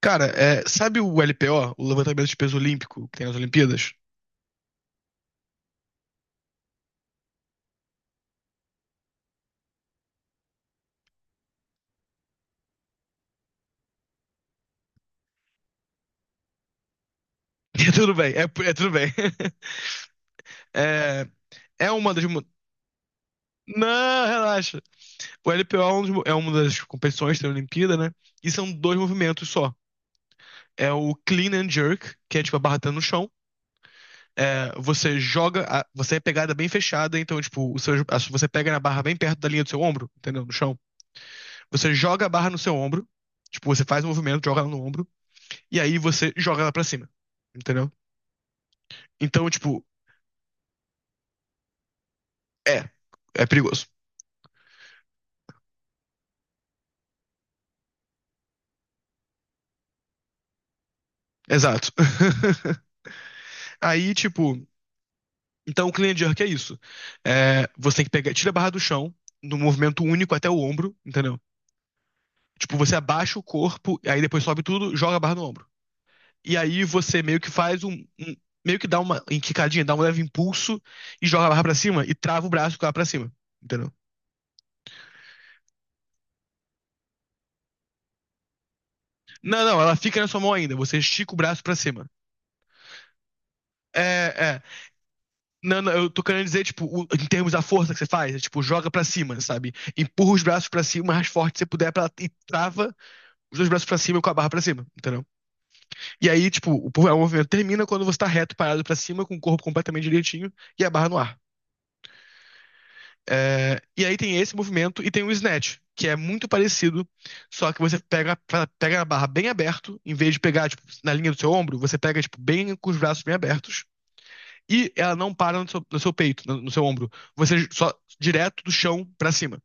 Cara, sabe o LPO, o levantamento de peso olímpico, que tem nas Olimpíadas? É tudo bem, é tudo bem. É, é uma das. mo- Não, relaxa. O LPO é uma das competições que tem na Olimpíada, né? E são dois movimentos só. É o clean and jerk, que é tipo a barra tá no chão. Você você é pegada bem fechada, então, tipo, você pega na barra bem perto da linha do seu ombro, entendeu? No chão. Você joga a barra no seu ombro, tipo, você faz um movimento, joga ela no ombro, e aí você joga ela pra cima, entendeu? Então, tipo, é, é perigoso. Exato. Aí, tipo, então o clean and jerk é isso. É, você tem que pegar, tira a barra do chão, num movimento único até o ombro, entendeu? Tipo, você abaixa o corpo, aí depois sobe tudo, joga a barra no ombro. E aí você meio que faz um- meio que dá uma enquicadinha, dá um leve impulso e joga a barra pra cima e trava o braço com ela pra cima, entendeu? Não, não, ela fica na sua mão ainda, você estica o braço pra cima. É, é. Não, não, eu tô querendo dizer, tipo, em termos da força que você faz, tipo, joga pra cima, sabe? Empurra os braços pra cima o mais forte que você puder pra, e trava os dois braços pra cima com a barra pra cima, entendeu? E aí, tipo, o movimento termina quando você tá reto, parado pra cima, com o corpo completamente direitinho e a barra no ar. E aí tem esse movimento e tem o snatch, que é muito parecido, só que você pega a barra bem aberto, em vez de pegar, tipo, na linha do seu ombro, você pega, tipo, bem com os braços bem abertos. E ela não para no seu, peito, no seu ombro. Você só direto do chão pra cima.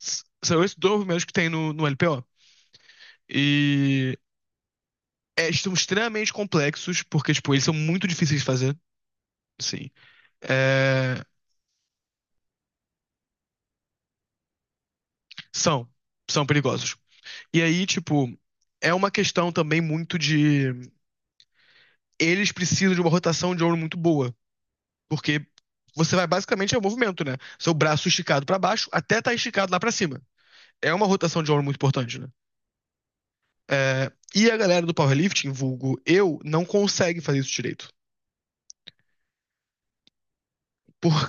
São esses dois movimentos que tem no LPO. E são extremamente complexos, porque, tipo, eles são muito difíceis de fazer. Sim. É, são. São perigosos. E aí, tipo, é uma questão também muito de. Eles precisam de uma rotação de ombro muito boa. Porque você vai basicamente é o movimento, né? Seu braço esticado pra baixo até tá esticado lá pra cima. É uma rotação de ombro muito importante, né? E a galera do powerlifting, vulgo eu, não consegue fazer isso direito. Por,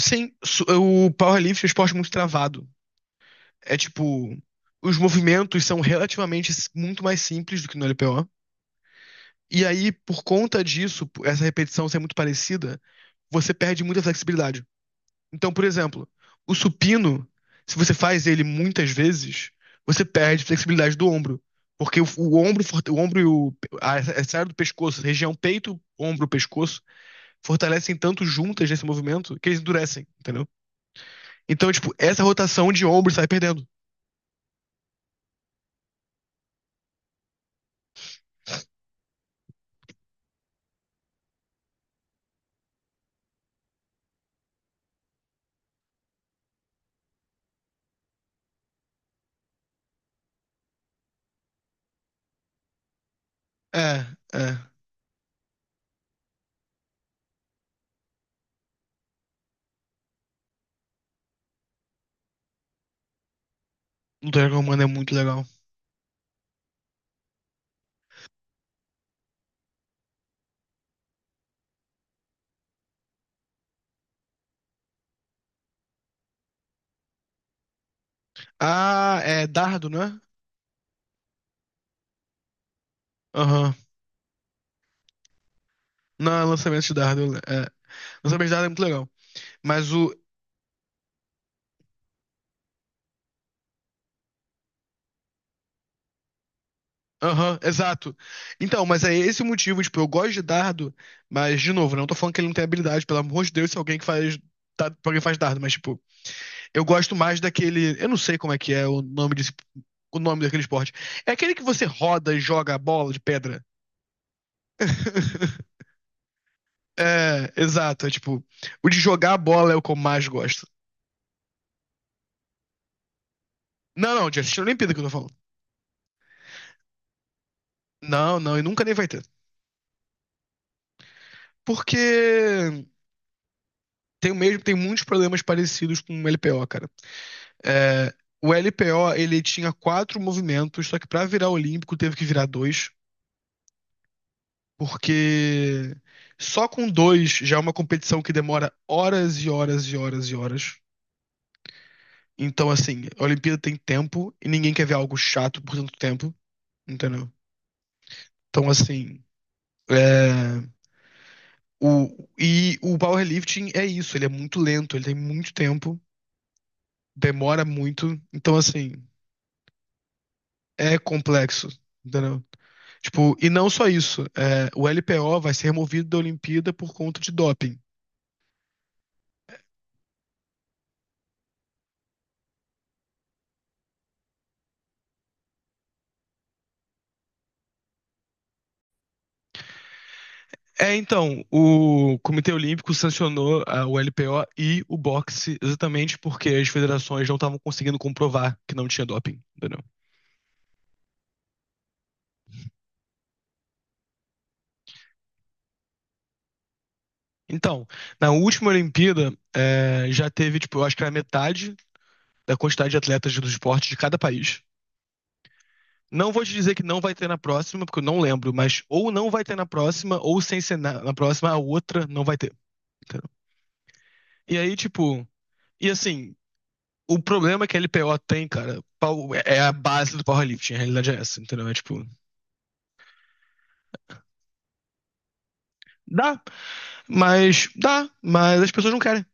sim, o powerlifting é um esporte muito travado. É tipo, os movimentos são relativamente muito mais simples do que no LPO. E aí, por conta disso, por essa repetição ser muito parecida, você perde muita flexibilidade. Então, por exemplo, o supino, se você faz ele muitas vezes, você perde flexibilidade do ombro. Porque o ombro, o ombro e a área do pescoço, região peito, ombro, pescoço, fortalecem tanto juntas nesse movimento que eles endurecem, entendeu? Então, tipo, essa rotação de ombros sai perdendo. É, é. Luta greco-romana é muito legal. Ah, é dardo, né? Aham. Não, é lançamento de dardo. É. Lançamento de dardo é muito legal. Mas o. Aham, exato. Então, mas é esse o motivo, tipo, eu gosto de dardo, mas, de novo, não tô falando que ele não tem habilidade, pelo amor de Deus, se alguém que faz. Dardo, alguém faz dardo, mas, tipo, eu gosto mais daquele. Eu não sei como é que é o nome desse, o nome daquele esporte. É aquele que você roda e joga a bola de pedra. É, exato. É tipo, o de jogar a bola é o que eu mais gosto. Não, não, de assistir a Olimpíada que eu tô falando. Não, não, e nunca nem vai ter. Porque tem muitos problemas parecidos com o LPO, cara. É, o LPO, ele tinha quatro movimentos, só que pra virar olímpico teve que virar dois. Porque só com dois já é uma competição que demora horas e horas e horas e horas. Então, assim, a Olimpíada tem tempo e ninguém quer ver algo chato por tanto tempo, entendeu? Então, assim, é, e o powerlifting é isso, ele é muito lento, ele tem muito tempo, demora muito. Então, assim, é complexo, entendeu? Tipo, e não só isso, o LPO vai ser removido da Olimpíada por conta de doping. Então, o Comitê Olímpico sancionou o LPO e o boxe exatamente porque as federações não estavam conseguindo comprovar que não tinha doping, entendeu? Então, na última Olimpíada, já teve, tipo, eu acho que era metade da quantidade de atletas do esporte de cada país. Não vou te dizer que não vai ter na próxima, porque eu não lembro, mas ou não vai ter na próxima, ou sem ser na, próxima, a outra não vai ter, entendeu? E aí, tipo, e assim. O problema é que a LPO tem, cara, é a base do powerlifting, a realidade é essa, entendeu? É tipo, dá, dá, mas as pessoas não querem.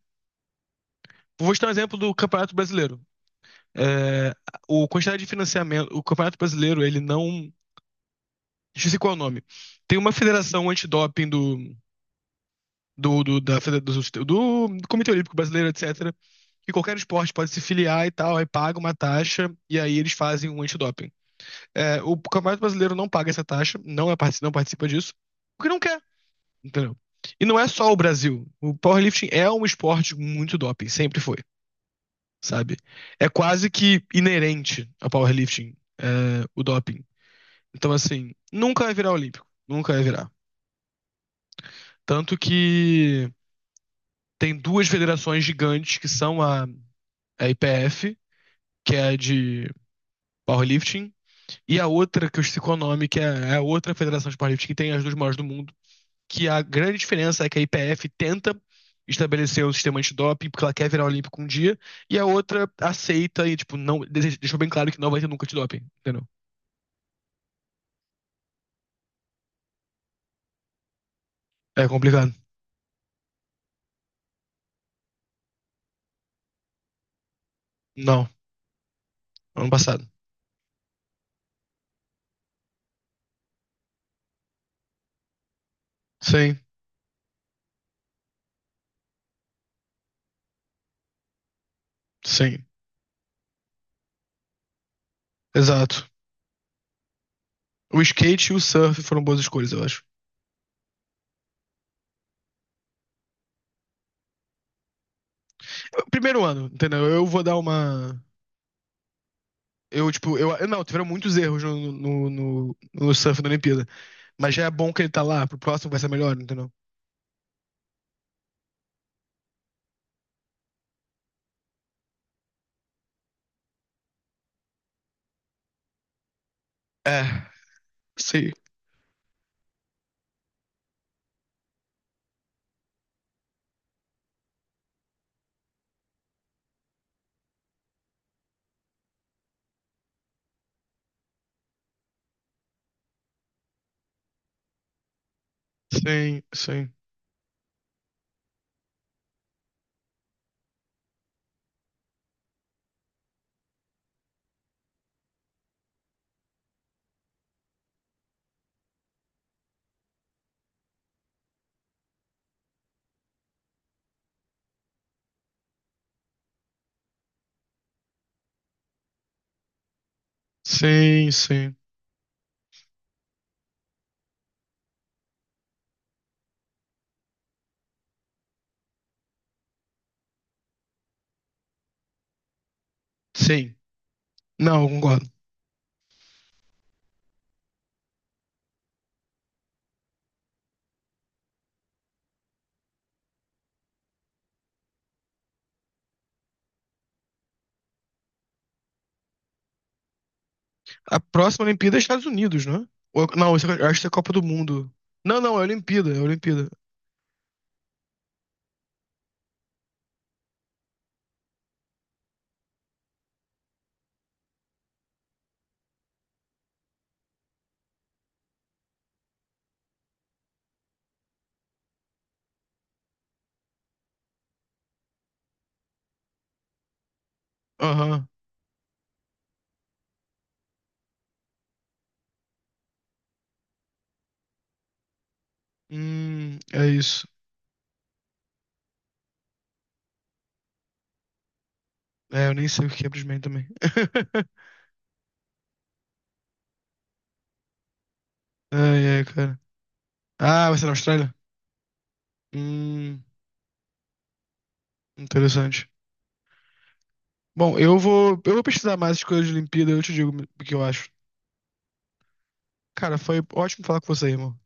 Vou te dar um exemplo do Campeonato Brasileiro. É, o quantidade de financiamento, o Campeonato Brasileiro, ele não. Deixa eu ver qual é o nome. Tem uma federação antidoping do, do, do, da, do, do, do Comitê Olímpico Brasileiro, etc. Que qualquer esporte pode se filiar e tal, aí paga uma taxa e aí eles fazem um antidoping. O Campeonato Brasileiro não paga essa taxa, não, não participa disso, porque não quer. Entendeu? E não é só o Brasil. O powerlifting é um esporte com muito doping, sempre foi, sabe? É quase que inerente ao powerlifting, o doping. Então, assim, nunca vai virar olímpico, nunca vai virar. Tanto que tem duas federações gigantes que são a IPF, que é a de powerlifting, e a outra, que eu esqueci o nome, que é a outra federação de powerlifting que tem as duas maiores do mundo, que a grande diferença é que a IPF tenta estabelecer um sistema antidoping porque ela quer virar olímpico um dia, e a outra aceita e, tipo, não, deixou bem claro que não vai ter nunca antidoping, entendeu? É complicado. Não, ano passado. Sim, sim, exato. O skate e o surf foram boas escolhas, eu acho. Primeiro ano, entendeu? Eu vou dar uma. Eu, tipo, eu. Eu- Não, tiveram muitos erros no, no surf da Olimpíada. Mas já é bom que ele tá lá, pro próximo vai ser melhor, entendeu? É, sim, sim, sim. Sim, sim. Sim. Não, eu concordo. A próxima Olimpíada é Estados Unidos, não é? Não, eu acho que é a Copa do Mundo. Não, não, é Olimpíada, é Olimpíada. Aham. É isso. Eu nem sei o que é Brisbane também. Ai, ai, cara. Ah, vai ser na Austrália? Hum, interessante. Bom, eu vou pesquisar mais as coisas de Olimpíada, eu te digo o que eu acho. Cara, foi ótimo falar com você, irmão.